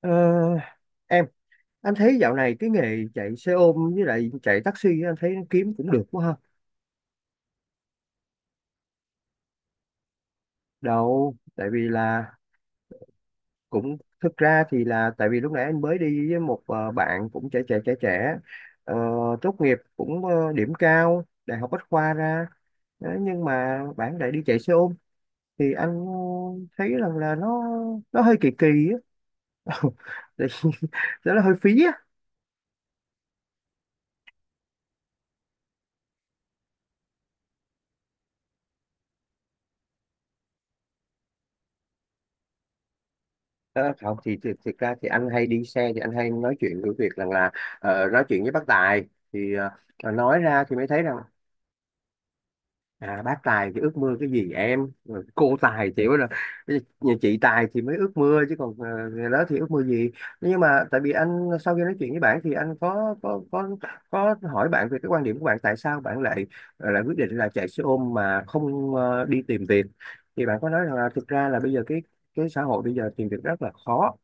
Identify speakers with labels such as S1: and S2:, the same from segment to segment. S1: Ờ, em anh thấy dạo này cái nghề chạy xe ôm với lại chạy taxi anh thấy nó kiếm cũng được quá ha. Đâu tại vì là cũng thực ra thì là tại vì lúc nãy anh mới đi với một bạn cũng trẻ trẻ trẻ trẻ, ờ, tốt nghiệp cũng điểm cao đại học Bách khoa ra. Đấy, nhưng mà bạn lại đi chạy xe ôm, thì anh thấy rằng là nó hơi kỳ kỳ á. Tại vì nó hơi phí. Ờ, không thì, thực ra thì anh hay đi xe thì anh hay nói chuyện với việc rằng là, nói chuyện với bác Tài, thì nói ra thì mới thấy rằng, à, bác tài thì ước mơ cái gì em? Rồi cô tài chỉ mới là bây giờ nhà chị tài thì mới ước mơ chứ còn người đó thì ước mơ gì. Nhưng mà tại vì anh sau khi nói chuyện với bạn thì anh có có hỏi bạn về cái quan điểm của bạn tại sao bạn lại lại quyết định là chạy xe ôm mà không đi tìm việc, thì bạn có nói rằng là thực ra là bây giờ cái xã hội bây giờ tìm việc rất là khó,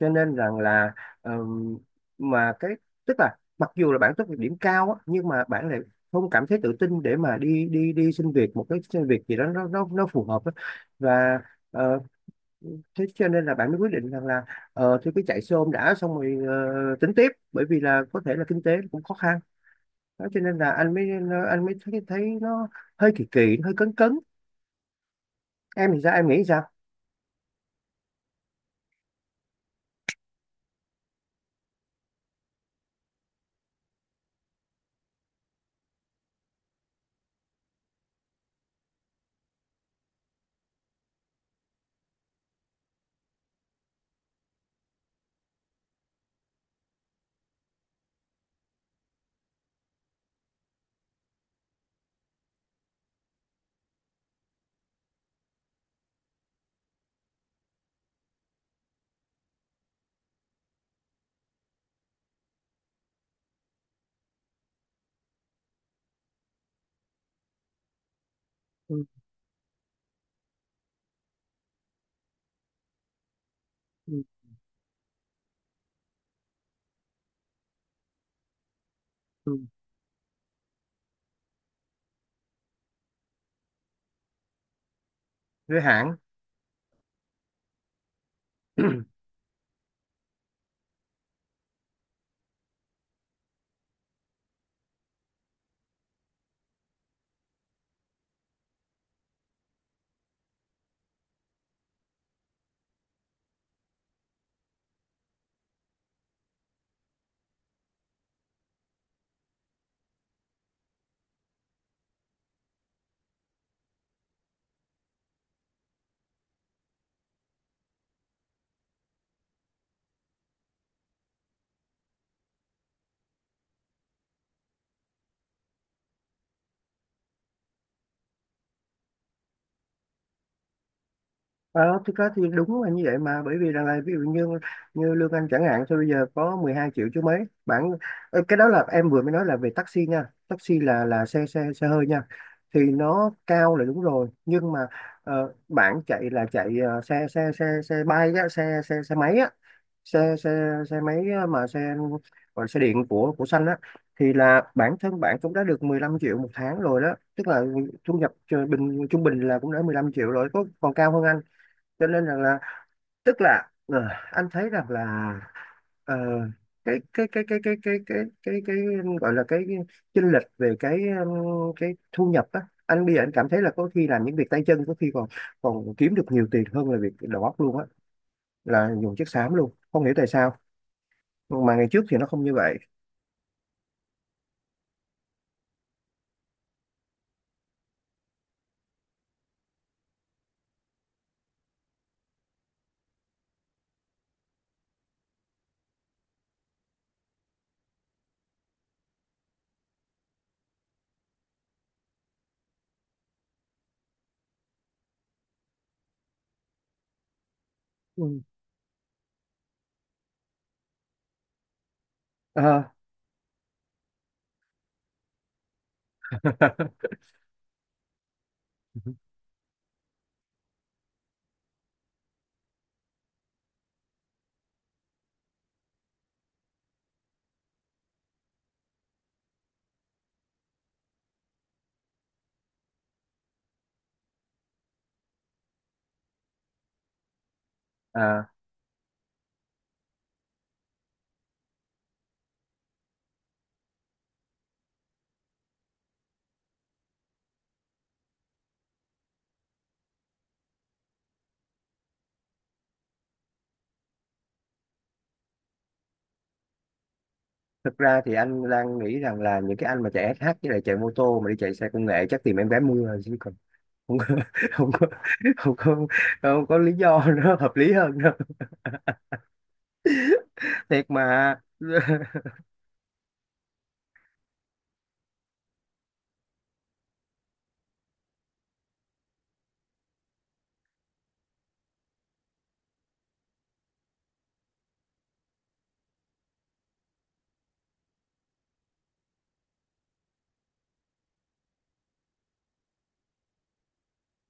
S1: cho nên rằng là ờm, mà cái, tức là mặc dù là bạn tốt nghiệp điểm cao á, nhưng mà bạn lại không cảm thấy tự tin để mà đi đi đi xin việc, một cái xin việc gì đó nó phù hợp á. Và ờ, thế cho nên là bạn mới quyết định rằng là, thì cứ chạy xe ôm đã, xong rồi tính tiếp, bởi vì là có thể là kinh tế cũng khó khăn. Đó cho nên là anh mới, anh mới thấy, nó hơi kỳ kỳ, nó hơi cấn cấn. Em thì sao, em nghĩ sao? Ừ, ừ, ừ. Với hạn. Ờ, thực ra thì đúng là như vậy mà, bởi vì rằng là ví dụ như như lương anh chẳng hạn thôi, bây giờ có 12 triệu chứ mấy bạn. Cái đó là em vừa mới nói là về taxi nha, taxi là xe xe xe hơi nha, thì nó cao là đúng rồi. Nhưng mà bạn chạy là chạy xe xe xe xe bay á, xe xe xe máy á, xe xe xe máy á, mà xe gọi là xe điện của xanh á, thì là bản thân bạn cũng đã được 15 triệu một tháng rồi đó. Tức là thu nhập trung bình là cũng đã 15 triệu rồi, có còn cao hơn anh. Cho nên rằng là, tức là anh thấy rằng là ờ, cái cái cái cái cái cái cái cái gọi là cái chênh lệch về cái thu nhập á, anh bây giờ anh cảm thấy là có khi làm những việc tay chân có khi còn còn kiếm được nhiều tiền hơn là việc đầu óc luôn á, là dùng chiếc xám luôn, không hiểu tại sao mà ngày trước thì nó không như vậy. Ừ. Ờ. À, thực ra thì anh đang nghĩ rằng là những cái anh mà chạy SH với lại chạy mô tô mà đi chạy xe công nghệ chắc tìm em gái mưa rồi, chứ còn không có. Không có, không có, không có lý do nó hợp lý hơn đâu. Thiệt mà.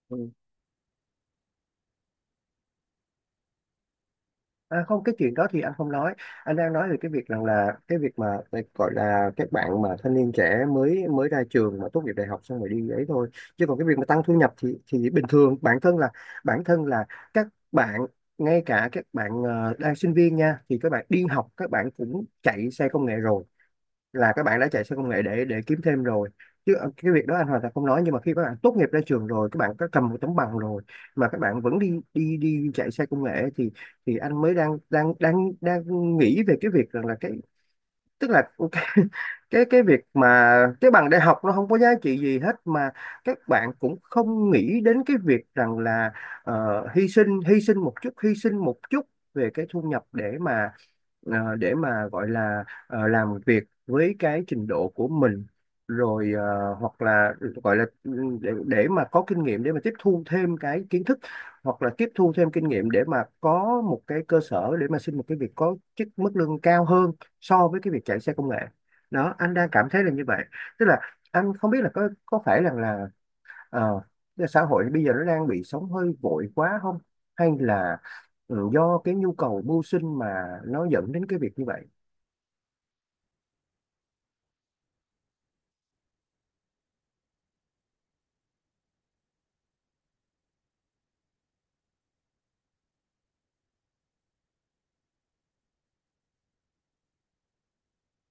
S1: Ừ. À, không, cái chuyện đó thì anh không nói. Anh đang nói về cái việc rằng là cái việc mà cái gọi là các bạn mà thanh niên trẻ mới mới ra trường mà tốt nghiệp đại học xong rồi đi ấy thôi, chứ còn cái việc mà tăng thu nhập thì bình thường bản thân là các bạn, ngay cả các bạn đang sinh viên nha, thì các bạn đi học các bạn cũng chạy xe công nghệ rồi, là các bạn đã chạy xe công nghệ để kiếm thêm rồi. Chứ cái việc đó anh hoàn toàn không nói. Nhưng mà khi các bạn tốt nghiệp ra trường rồi, các bạn có cầm một tấm bằng rồi mà các bạn vẫn đi đi đi chạy xe công nghệ, thì anh mới đang đang nghĩ về cái việc rằng là cái, tức là cái cái việc mà cái bằng đại học nó không có giá trị gì hết mà các bạn cũng không nghĩ đến cái việc rằng là hy sinh một chút hy sinh một chút về cái thu nhập, để mà để mà gọi là làm việc với cái trình độ của mình, rồi hoặc là gọi là để, mà có kinh nghiệm, để mà tiếp thu thêm cái kiến thức, hoặc là tiếp thu thêm kinh nghiệm, để mà có một cái cơ sở để mà xin một cái việc có chức mức lương cao hơn so với cái việc chạy xe công nghệ. Đó, anh đang cảm thấy là như vậy. Tức là anh không biết là có phải rằng là ờ, xã hội bây giờ nó đang bị sống hơi vội quá không, hay là ừ, do cái nhu cầu mưu sinh mà nó dẫn đến cái việc như vậy.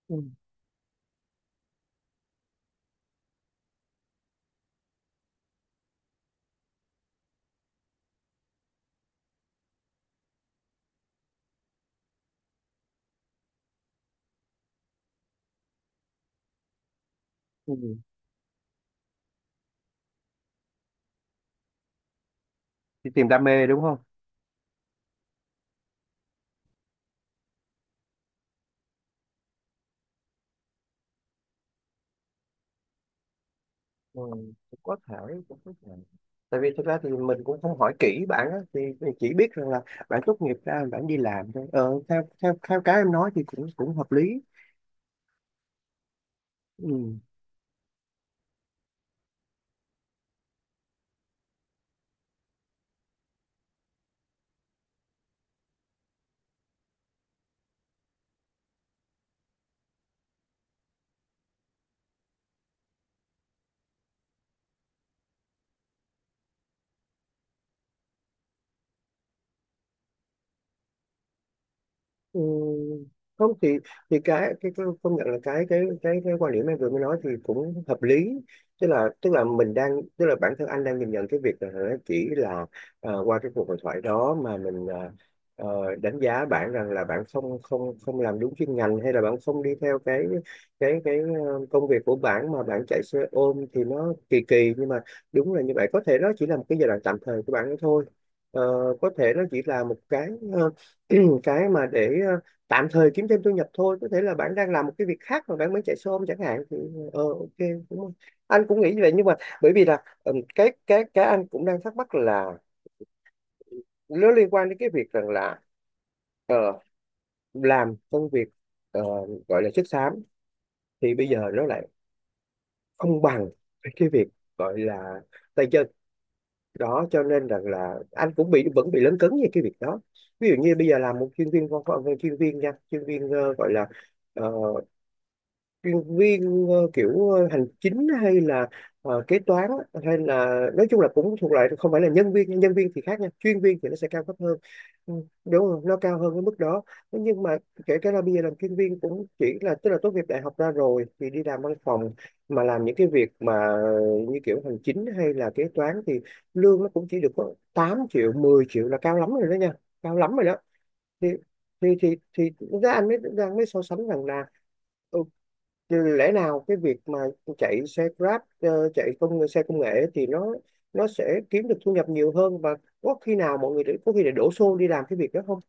S1: Ừ. Ừ. Đi tìm đam mê đúng không? Ừ, cũng có thể, cũng có thể. Tại vì thực ra thì mình cũng không hỏi kỹ bạn á, thì mình chỉ biết rằng là bạn tốt nghiệp ra bạn đi làm thôi. Ờ, theo theo theo cái em nói thì cũng cũng hợp lý. Ừ. Ừ, không thì cái công nhận là cái quan điểm em vừa mới nói thì cũng hợp lý. Tức là, mình đang, tức là bản thân anh đang nhìn nhận cái việc là nó chỉ là qua cái cuộc hội thoại đó mà mình đánh giá bạn rằng là bạn không không không làm đúng chuyên ngành, hay là bạn không đi theo cái cái công việc của bạn, mà bạn chạy xe ôm thì nó kỳ kỳ. Nhưng mà đúng là như vậy, có thể nó chỉ là một cái giai đoạn tạm thời của bạn ấy thôi. Ờ, có thể nó chỉ là một cái ờ, cái mà để tạm thời kiếm thêm thu nhập thôi. Có thể là bạn đang làm một cái việc khác mà bạn mới chạy xe ôm chẳng hạn, thì ờ ok, đúng không? Anh cũng nghĩ như vậy. Nhưng mà bởi vì là cái anh cũng đang thắc mắc là nó liên quan đến cái việc rằng là ờ, làm công việc ờ, gọi là chất xám, thì bây giờ nó lại không bằng cái việc gọi là tay chân. Đó cho nên rằng là anh cũng bị, vẫn bị lấn cấn về cái việc đó. Ví dụ như bây giờ làm một chuyên viên văn phòng, chuyên viên nha, chuyên viên gọi là ờ, chuyên viên kiểu hành chính hay là kế toán á, hay là nói chung là cũng thuộc loại không phải là nhân viên nha. Nhân viên thì khác nha, chuyên viên thì nó sẽ cao cấp hơn. Ừ, đúng rồi, nó cao hơn cái mức đó. Thế nhưng mà kể cả là bây giờ làm chuyên viên cũng chỉ là, tức là tốt nghiệp đại học ra rồi thì đi làm văn phòng, mà làm những cái việc mà như kiểu hành chính hay là kế toán, thì lương nó cũng chỉ được có 8 triệu 10 triệu là cao lắm rồi đó nha, cao lắm rồi đó. Thì thì ra anh mới đang mới so sánh rằng là ừ, lẽ nào cái việc mà chạy xe Grab, chạy xe công nghệ, thì nó sẽ kiếm được thu nhập nhiều hơn. Và có khi nào mọi người để- có khi để đổ xô đi làm cái việc đó không?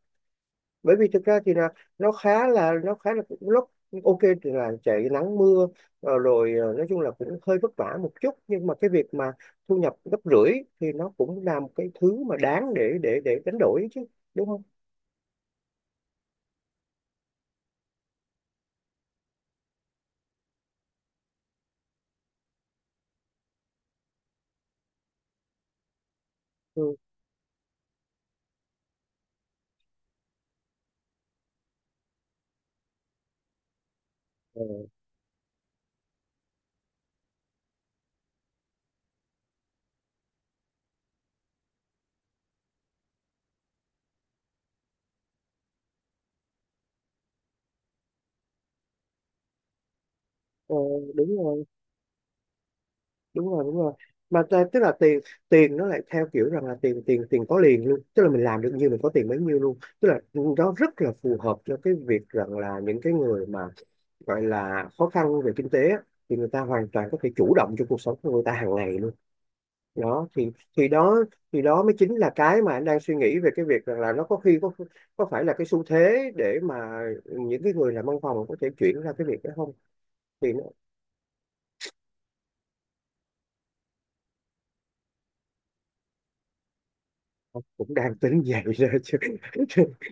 S1: Bởi vì thực ra thì là nó khá là, nó khá là lúc ok thì là chạy nắng mưa, rồi nói chung là cũng hơi vất vả một chút, nhưng mà cái việc mà thu nhập gấp rưỡi thì nó cũng là một cái thứ mà đáng để đánh đổi chứ, đúng không? Ừ. Ờ, ờ, đúng rồi, đúng rồi, đúng rồi. Mà ta- tức là tiền, nó lại theo kiểu rằng là tiền tiền tiền có liền luôn, tức là mình làm được nhiêu mình có tiền bấy nhiêu luôn. Tức là nó rất là phù hợp cho cái việc rằng là những cái người mà gọi là khó khăn về kinh tế á, thì người ta hoàn toàn có thể chủ động cho cuộc sống của người ta hàng ngày luôn. Đó thì đó, thì đó mới chính là cái mà anh đang suy nghĩ về cái việc rằng là nó có khi có phải là cái xu thế để mà những cái người làm văn phòng có thể chuyển ra cái việc đó không? Thì cũng đang tính vậy đó chứ.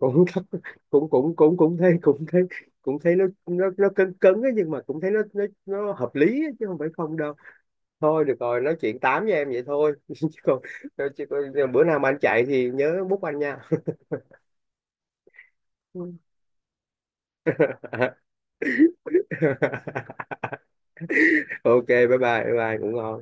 S1: Cũng cũng cũng cũng cũng thấy, cũng thấy nó cứng cứng ấy, nhưng mà cũng thấy nó hợp lý ấy, chứ không phải không đâu. Thôi được rồi, nói chuyện tám với em vậy thôi chứ còn bữa nào mà anh chạy thì nhớ bút anh nha. Ok, bye bye. Bye bye, ngủ ngon.